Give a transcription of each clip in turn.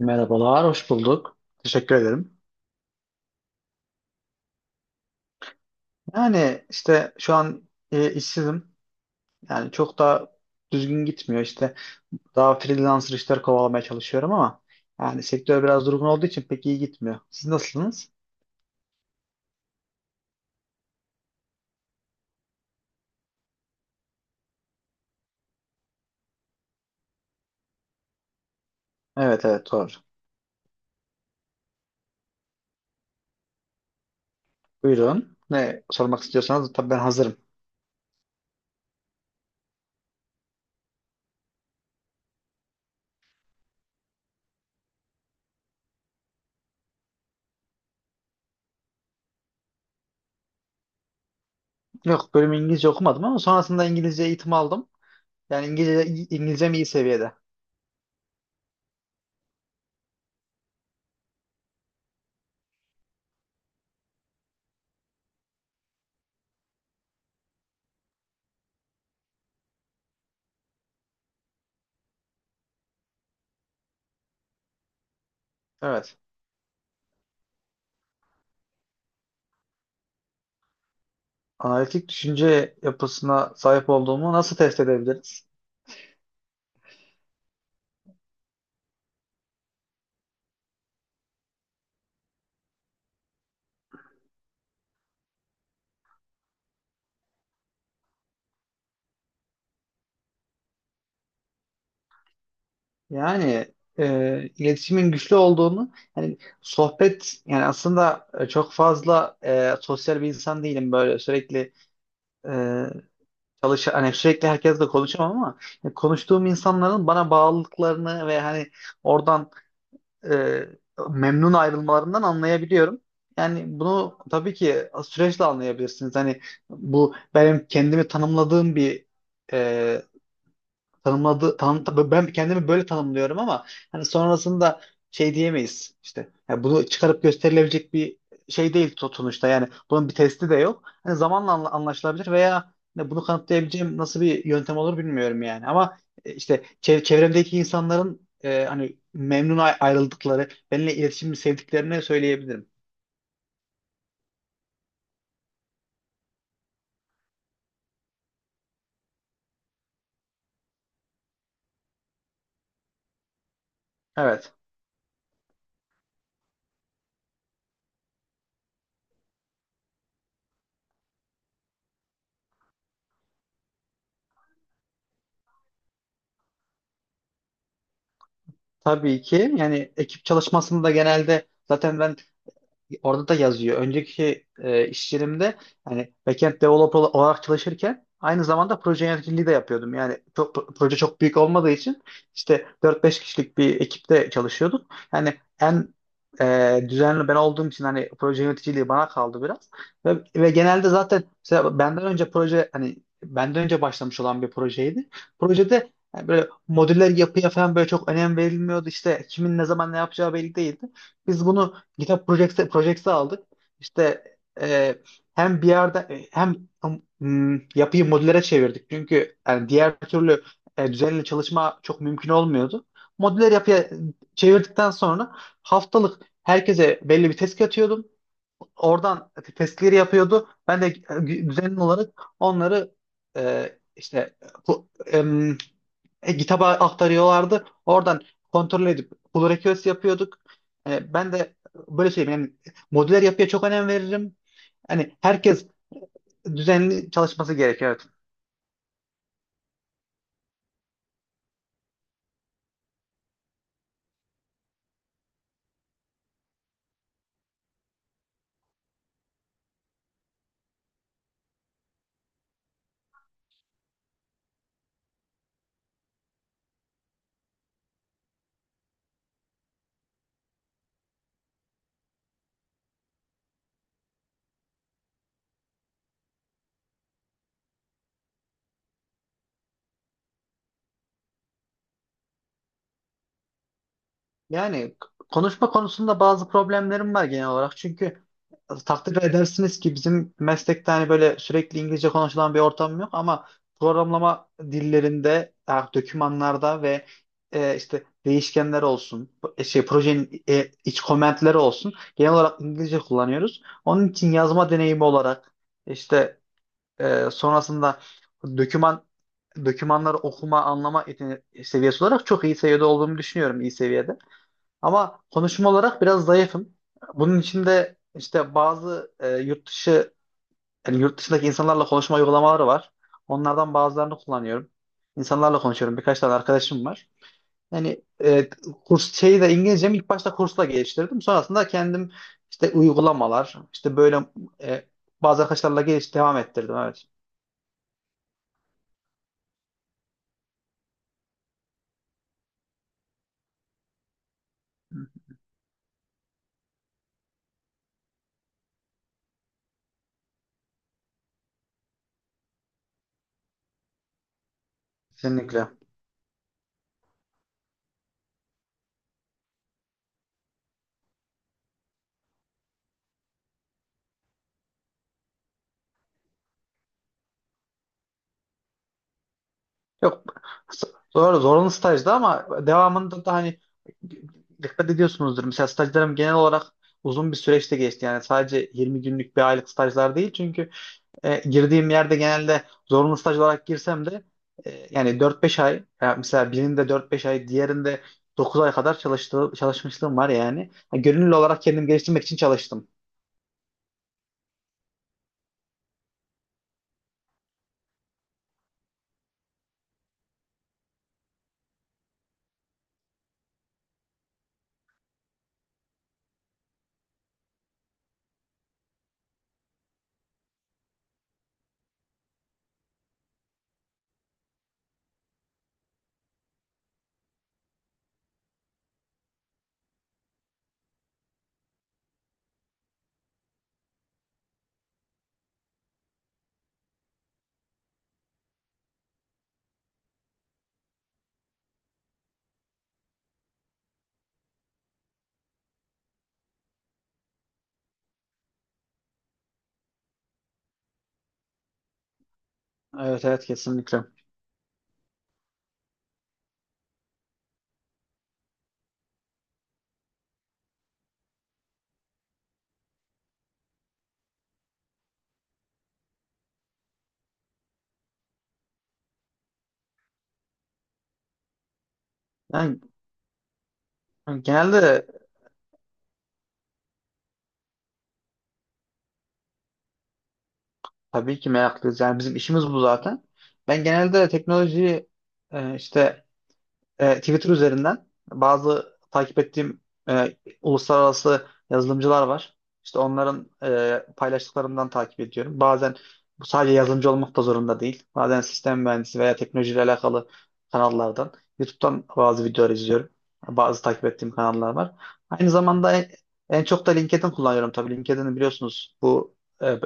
Merhabalar, hoş bulduk. Teşekkür ederim. Yani işte şu an işsizim. Yani çok da düzgün gitmiyor. İşte daha freelancer işler kovalamaya çalışıyorum ama yani sektör biraz durgun olduğu için pek iyi gitmiyor. Siz nasılsınız? Evet, evet, doğru. Buyurun. Ne sormak istiyorsanız tabii ben hazırım. Yok, bölümü İngilizce okumadım ama sonrasında İngilizce eğitim aldım. Yani İngilizcem iyi seviyede. Evet. Analitik düşünce yapısına sahip olduğumu nasıl test edebiliriz? Yani iletişimin güçlü olduğunu yani sohbet yani aslında çok fazla sosyal bir insan değilim, böyle sürekli e, hani sürekli herkesle konuşamam ama konuştuğum insanların bana bağlılıklarını ve hani oradan e, memnun ayrılmalarından anlayabiliyorum. Yani bunu tabii ki süreçle anlayabilirsiniz. Hani bu benim kendimi tanımladığım bir e, tanımladı tan, ben kendimi böyle tanımlıyorum ama hani sonrasında şey diyemeyiz işte. Yani bunu çıkarıp gösterilebilecek bir şey değil sonuçta, yani bunun bir testi de yok. Hani zamanla anlaşılabilir veya hani bunu kanıtlayabileceğim nasıl bir yöntem olur bilmiyorum yani ama işte çevremdeki insanların hani memnun ayrıldıkları, benimle iletişimi sevdiklerini söyleyebilirim. Evet. Tabii ki yani ekip çalışmasında genelde zaten ben orada da yazıyor. Önceki iş yerimde hani backend developer olarak çalışırken aynı zamanda proje yöneticiliği de yapıyordum. Yani proje çok büyük olmadığı için işte dört beş kişilik bir ekipte çalışıyorduk. Yani en düzenli ben olduğum için hani proje yöneticiliği bana kaldı biraz. Ve genelde zaten mesela benden önce başlamış olan bir projeydi. Projede yani böyle modüler yapıya falan böyle çok önem verilmiyordu. İşte kimin ne zaman ne yapacağı belli değildi. Biz bunu GitHub Projects'i aldık. İşte e, hem bir yerde e, hem yapıyı modüllere çevirdik. Çünkü yani diğer türlü düzenli çalışma çok mümkün olmuyordu. Modüler yapıya çevirdikten sonra haftalık herkese belli bir test atıyordum. Oradan testleri yapıyordu. Ben de düzenli olarak onları e, işte bu, em, GitHub'a aktarıyorlardı. Oradan kontrol edip pull request yapıyorduk. Ben de böyle söyleyeyim, yani modüler yapıya çok önem veririm. Hani herkes düzenli çalışması gerekiyor. Evet. Yani konuşma konusunda bazı problemlerim var genel olarak. Çünkü takdir edersiniz ki bizim meslekte hani böyle sürekli İngilizce konuşulan bir ortam yok ama programlama dillerinde, dokümanlarda ve işte değişkenler olsun, şey projenin iç komentleri olsun, genel olarak İngilizce kullanıyoruz. Onun için yazma deneyimi olarak işte sonrasında doküman dokümanları okuma, anlama seviyesi olarak çok iyi seviyede olduğumu düşünüyorum, iyi seviyede. Ama konuşma olarak biraz zayıfım. Bunun içinde işte bazı yurt dışı yani yurt dışındaki insanlarla konuşma uygulamaları var. Onlardan bazılarını kullanıyorum. İnsanlarla konuşuyorum. Birkaç tane arkadaşım var. Yani kurs şeyi de, İngilizcemi ilk başta kursla geliştirdim. Sonrasında kendim işte uygulamalar, işte böyle e, bazı arkadaşlarla geliş devam ettirdim. Evet. Kesinlikle. Yok, doğru, zorunlu stajdı ama devamında da hani dikkat ediyorsunuzdur. Mesela stajlarım genel olarak uzun bir süreçte geçti. Yani sadece 20 günlük bir aylık stajlar değil. Çünkü girdiğim yerde genelde zorunlu staj olarak girsem de yani 4-5 ay, yani mesela birinde 4-5 ay, diğerinde 9 ay kadar çalışmışlığım var yani. Yani gönüllü olarak kendimi geliştirmek için çalıştım. Evet, evet, kesinlikle. Yani yani genelde Tabii ki meraklıyız. Yani bizim işimiz bu zaten. Ben genelde teknolojiyi işte Twitter üzerinden bazı takip ettiğim e, uluslararası yazılımcılar var. İşte onların paylaştıklarından takip ediyorum. Bazen bu sadece yazılımcı olmak da zorunda değil. Bazen sistem mühendisi veya teknolojiyle alakalı kanallardan, YouTube'dan bazı videolar izliyorum. Bazı takip ettiğim kanallar var. Aynı zamanda en çok da LinkedIn kullanıyorum tabii. LinkedIn'i biliyorsunuz, bu e,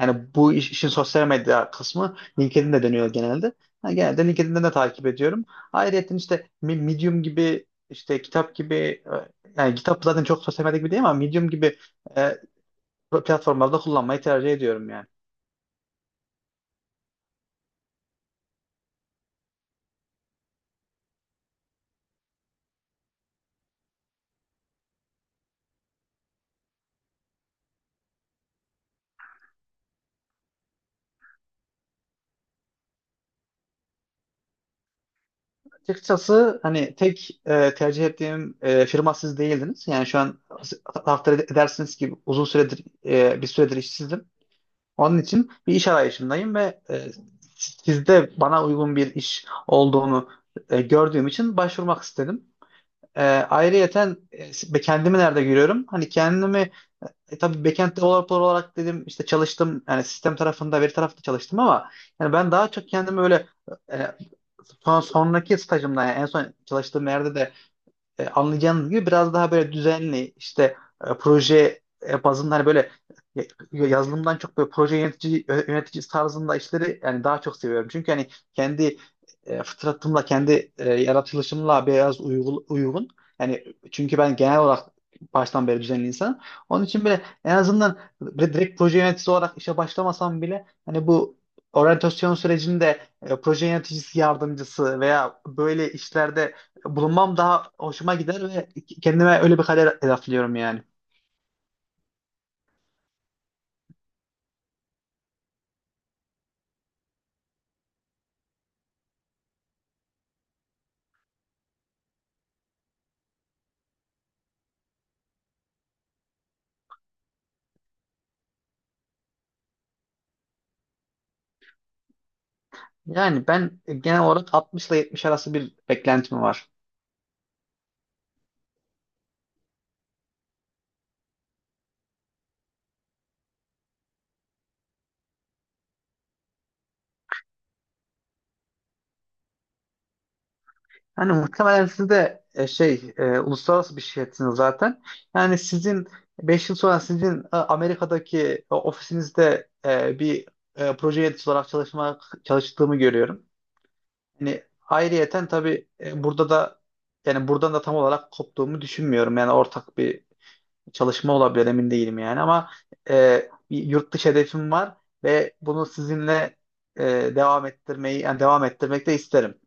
yani bu işin sosyal medya kısmı LinkedIn'de dönüyor genelde. Ha, genelde LinkedIn'den de takip ediyorum. Ayrıca işte Medium gibi, işte kitap gibi yani kitap zaten çok sosyal medya gibi değil ama Medium gibi e, platformlarda kullanmayı tercih ediyorum yani. Açıkçası hani tek tercih ettiğim firma siz değildiniz. Yani şu an takdir edersiniz ki uzun süredir bir süredir işsizdim. Onun için bir iş arayışındayım ve sizde bana uygun bir iş olduğunu gördüğüm için başvurmak istedim. Ayrıyeten kendimi nerede görüyorum? Hani kendimi, tabii backend developer olarak dedim işte çalıştım, yani sistem tarafında, veri tarafında çalıştım ama yani ben daha çok kendimi öyle e, sonraki stajımda, yani en son çalıştığım yerde de anlayacağınız gibi biraz daha böyle düzenli işte proje bazında hani böyle e, yazılımdan çok böyle proje yönetici yönetici tarzında işleri yani daha çok seviyorum. Çünkü hani kendi fıtratımla kendi yaratılışımla biraz uygun. Yani çünkü ben genel olarak baştan beri düzenli insanım. Onun için bile en azından böyle direkt proje yöneticisi olarak işe başlamasam bile hani bu oryantasyon sürecinde proje yöneticisi yardımcısı veya böyle işlerde bulunmam daha hoşuma gider ve kendime öyle bir kader hedefliyorum yani. Yani ben genel olarak 60 ile 70 arası bir beklentim var. Yani muhtemelen siz de şey uluslararası bir şirketsiniz zaten. Yani sizin 5 yıl sonra Amerika'daki ofisinizde bir proje yöneticisi olarak çalıştığımı görüyorum. Yani ayrıyeten tabii burada da yani buradan da tam olarak koptuğumu düşünmüyorum. Yani ortak bir çalışma olabilir, emin değilim yani ama bir yurt dışı hedefim var ve bunu sizinle e, devam ettirmeyi yani devam ettirmek de isterim.